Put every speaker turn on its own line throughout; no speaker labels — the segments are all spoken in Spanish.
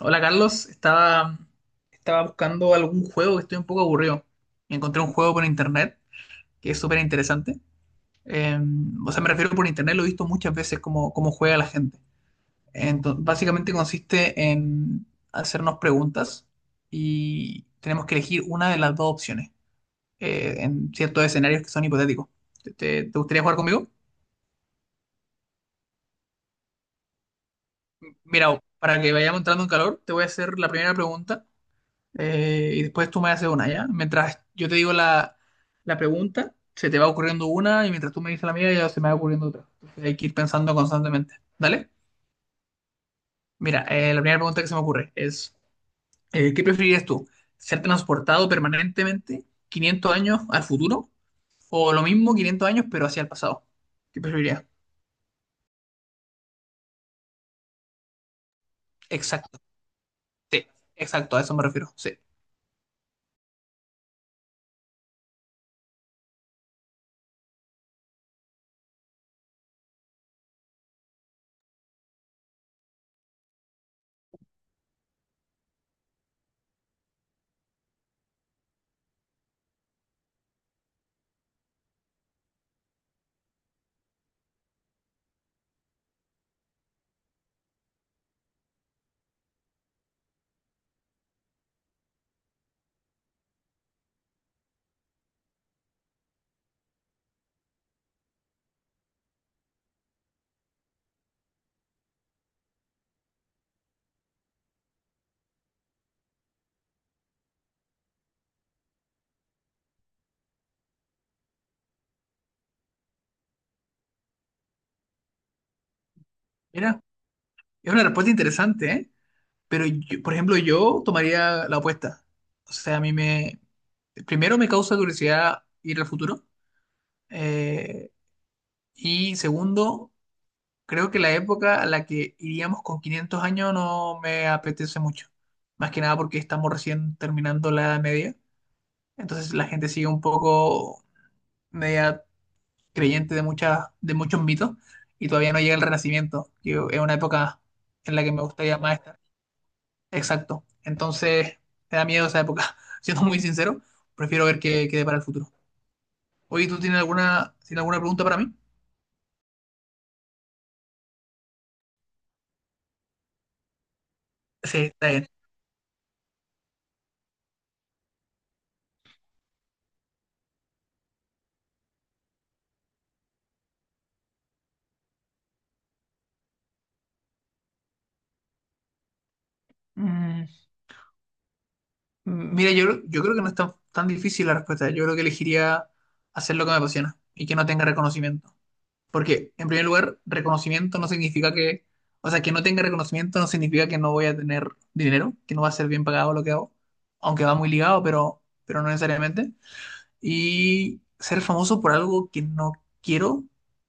Hola Carlos, estaba buscando algún juego que estoy un poco aburrido. Encontré un juego por internet que es súper interesante. Eh, o sea, me refiero por internet, lo he visto muchas veces cómo juega la gente. Entonces, básicamente consiste en hacernos preguntas y tenemos que elegir una de las dos opciones en ciertos escenarios que son hipotéticos. ¿Te gustaría jugar conmigo? Mira, para que vayamos entrando en calor, te voy a hacer la primera pregunta y después tú me haces una, ¿ya? Mientras yo te digo la pregunta, se te va ocurriendo una y mientras tú me dices la mía, ya se me va ocurriendo otra. Entonces hay que ir pensando constantemente, ¿dale? Mira, la primera pregunta que se me ocurre es, ¿qué preferirías tú? ¿Ser transportado permanentemente 500 años al futuro o lo mismo 500 años pero hacia el pasado? ¿Qué preferirías? Exacto, sí, exacto, a eso me refiero, sí. Mira, es una respuesta interesante, ¿eh? Pero por ejemplo, yo tomaría la opuesta. O sea, primero, me causa curiosidad ir al futuro. eh, y segundo, creo que la época a la que iríamos con 500 años no me apetece mucho. Más que nada porque estamos recién terminando la Edad Media. Entonces la gente sigue un poco media creyente de muchas, de muchos mitos, y todavía no llega el Renacimiento, que es una época en la que me gustaría más estar. Exacto. Entonces me da miedo esa época. Siendo muy sincero, prefiero ver qué quede para el futuro. Oye, ¿tú tienes alguna, pregunta para mí? Sí, está bien. Mm, mira, yo, yo creo que no es tan difícil la respuesta. Yo creo que elegiría hacer lo que me apasiona y que no tenga reconocimiento. Porque, en primer lugar, reconocimiento no significa que, o sea, que no tenga reconocimiento no significa que no voy a tener dinero, que no va a ser bien pagado lo que hago, aunque va muy ligado, pero no necesariamente. Y ser famoso por algo que no quiero,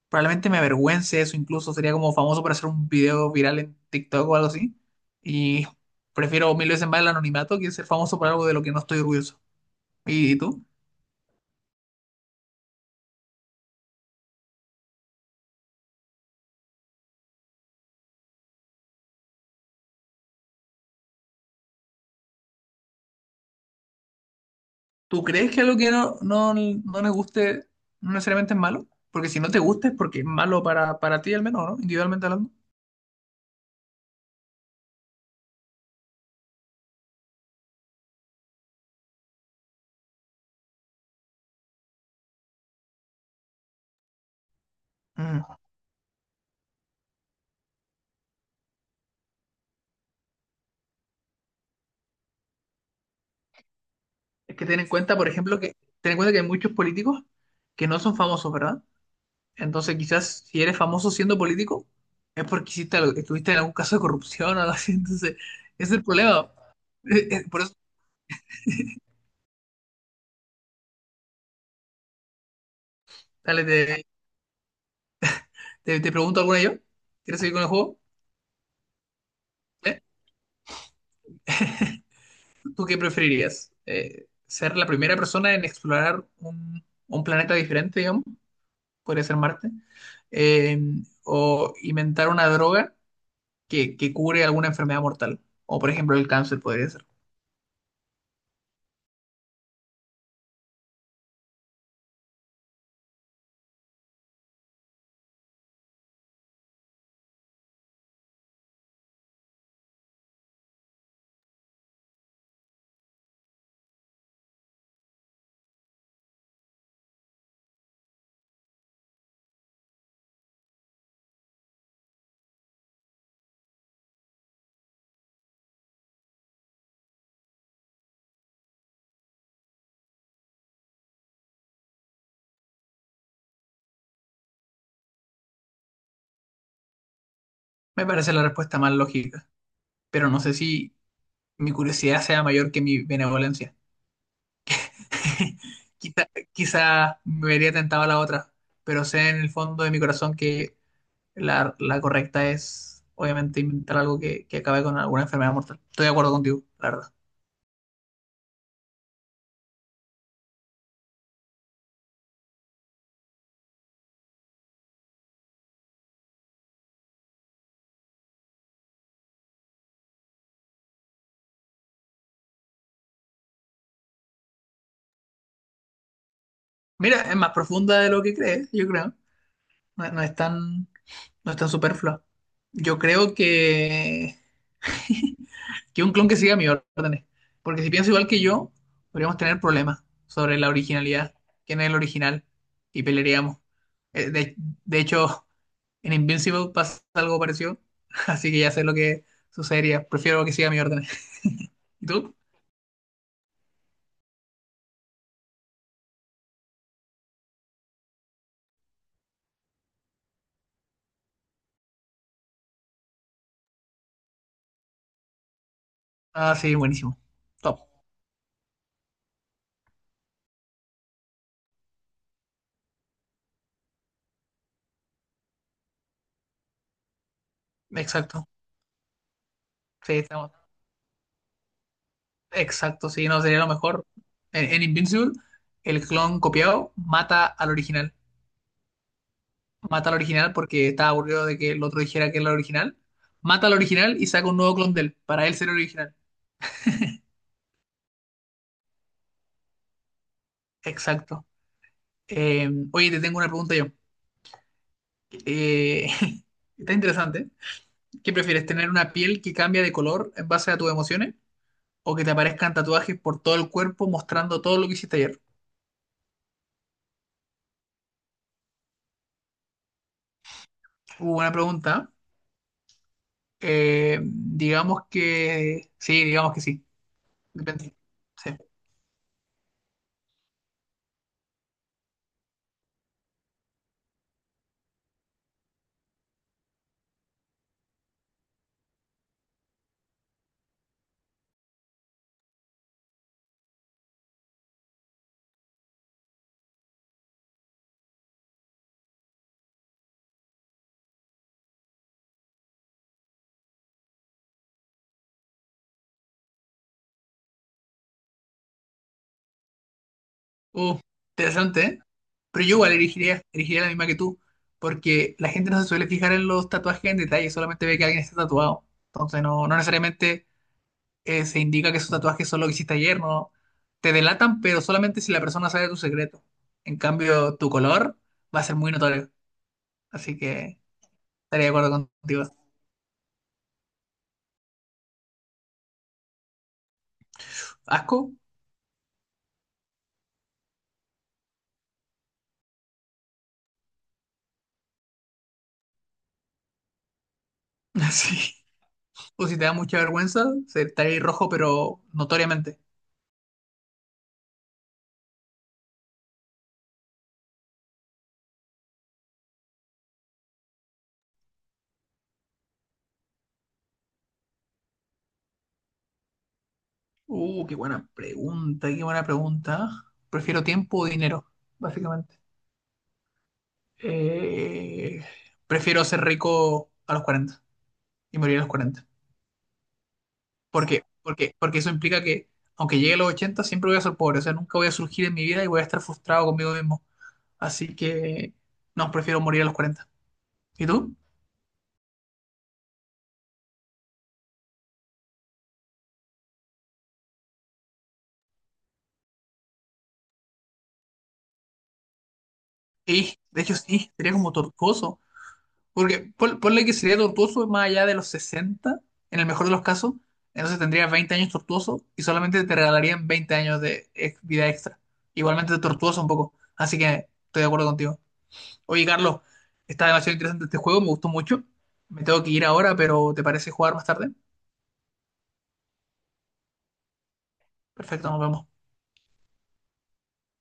probablemente me avergüence eso, incluso sería como famoso por hacer un video viral en TikTok o algo así. Y prefiero mil veces más el anonimato que ser famoso por algo de lo que no estoy orgulloso. ¿Y tú? ¿Tú crees que algo que no nos guste no necesariamente es malo? Porque si no te gusta es porque es malo para ti al menos, ¿no? Individualmente hablando. Mm. Es que ten en cuenta, por ejemplo, que ten en cuenta que hay muchos políticos que no son famosos, ¿verdad? Entonces, quizás si eres famoso siendo político, es porque hiciste estuviste en algún caso de corrupción o algo así. Entonces, ese es el problema. Por eso, dale, te, te pregunto alguna yo. ¿Quieres seguir con el juego? ¿Eh? ¿Tú qué preferirías? ¿Ser la primera persona en explorar un, planeta diferente, digamos? Podría ser Marte. Eh, o inventar una droga que cure alguna enfermedad mortal. O, por ejemplo, el cáncer podría ser. Me parece la respuesta más lógica, pero no sé si mi curiosidad sea mayor que mi benevolencia. Quizá, quizá me vería tentado a la otra, pero sé en el fondo de mi corazón que la correcta es, obviamente, inventar algo que acabe con alguna enfermedad mortal. Estoy de acuerdo contigo, la verdad. Mira, es más profunda de lo que crees, yo creo. No, no es tan superflua. Yo creo que un clon que siga mis órdenes. Porque si piensa igual que yo, podríamos tener problemas sobre la originalidad. ¿Quién es el original? Y pelearíamos. De hecho, en Invincible pasa algo parecido. Así que ya sé lo que sucedería. Prefiero que siga mis órdenes. ¿Y tú? Ah, sí, buenísimo. Top. Exacto. Sí, estamos. Exacto, sí, no sería lo mejor. En Invincible, el clon copiado mata al original. Mata al original porque estaba aburrido de que el otro dijera que era el original, mata al original y saca un nuevo clon de él, para él ser el original. Exacto. Oye, te tengo una pregunta yo. Eh, Está interesante. ¿Qué prefieres, tener una piel que cambia de color en base a tus emociones o que te aparezcan tatuajes por todo el cuerpo mostrando todo lo que hiciste ayer? Buena pregunta. Digamos que sí, digamos que sí. Depende. Sí. Uh, Interesante, ¿eh? Pero yo igual elegiría la misma que tú, porque la gente no se suele fijar en los tatuajes en detalle, solamente ve que alguien está tatuado. Entonces no, no necesariamente se indica que esos tatuajes son lo que hiciste ayer, ¿no? Te delatan, pero solamente si la persona sabe tu secreto. En cambio, tu color va a ser muy notorio. Así que estaría de acuerdo contigo. ¿Asco? Sí. O si te da mucha vergüenza, estaría ahí rojo, pero notoriamente. Qué buena pregunta, qué buena pregunta. Prefiero tiempo o dinero, básicamente. Eh, Prefiero ser rico a los 40 y morir a los 40. ¿Por qué? Porque eso implica que, aunque llegue a los 80 siempre voy a ser pobre. O sea, nunca voy a surgir en mi vida y voy a estar frustrado conmigo mismo. Así que, no, prefiero morir a los 40. ¿Y tú? Y, de hecho, sí, sería como tortuoso. Porque ponle que sería tortuoso más allá de los 60, en el mejor de los casos, entonces tendrías 20 años tortuoso y solamente te regalarían 20 años de vida extra. Igualmente tortuoso un poco, así que estoy de acuerdo contigo. Oye, Carlos, está demasiado interesante este juego, me gustó mucho. Me tengo que ir ahora, pero ¿te parece jugar más tarde? Perfecto, nos vemos.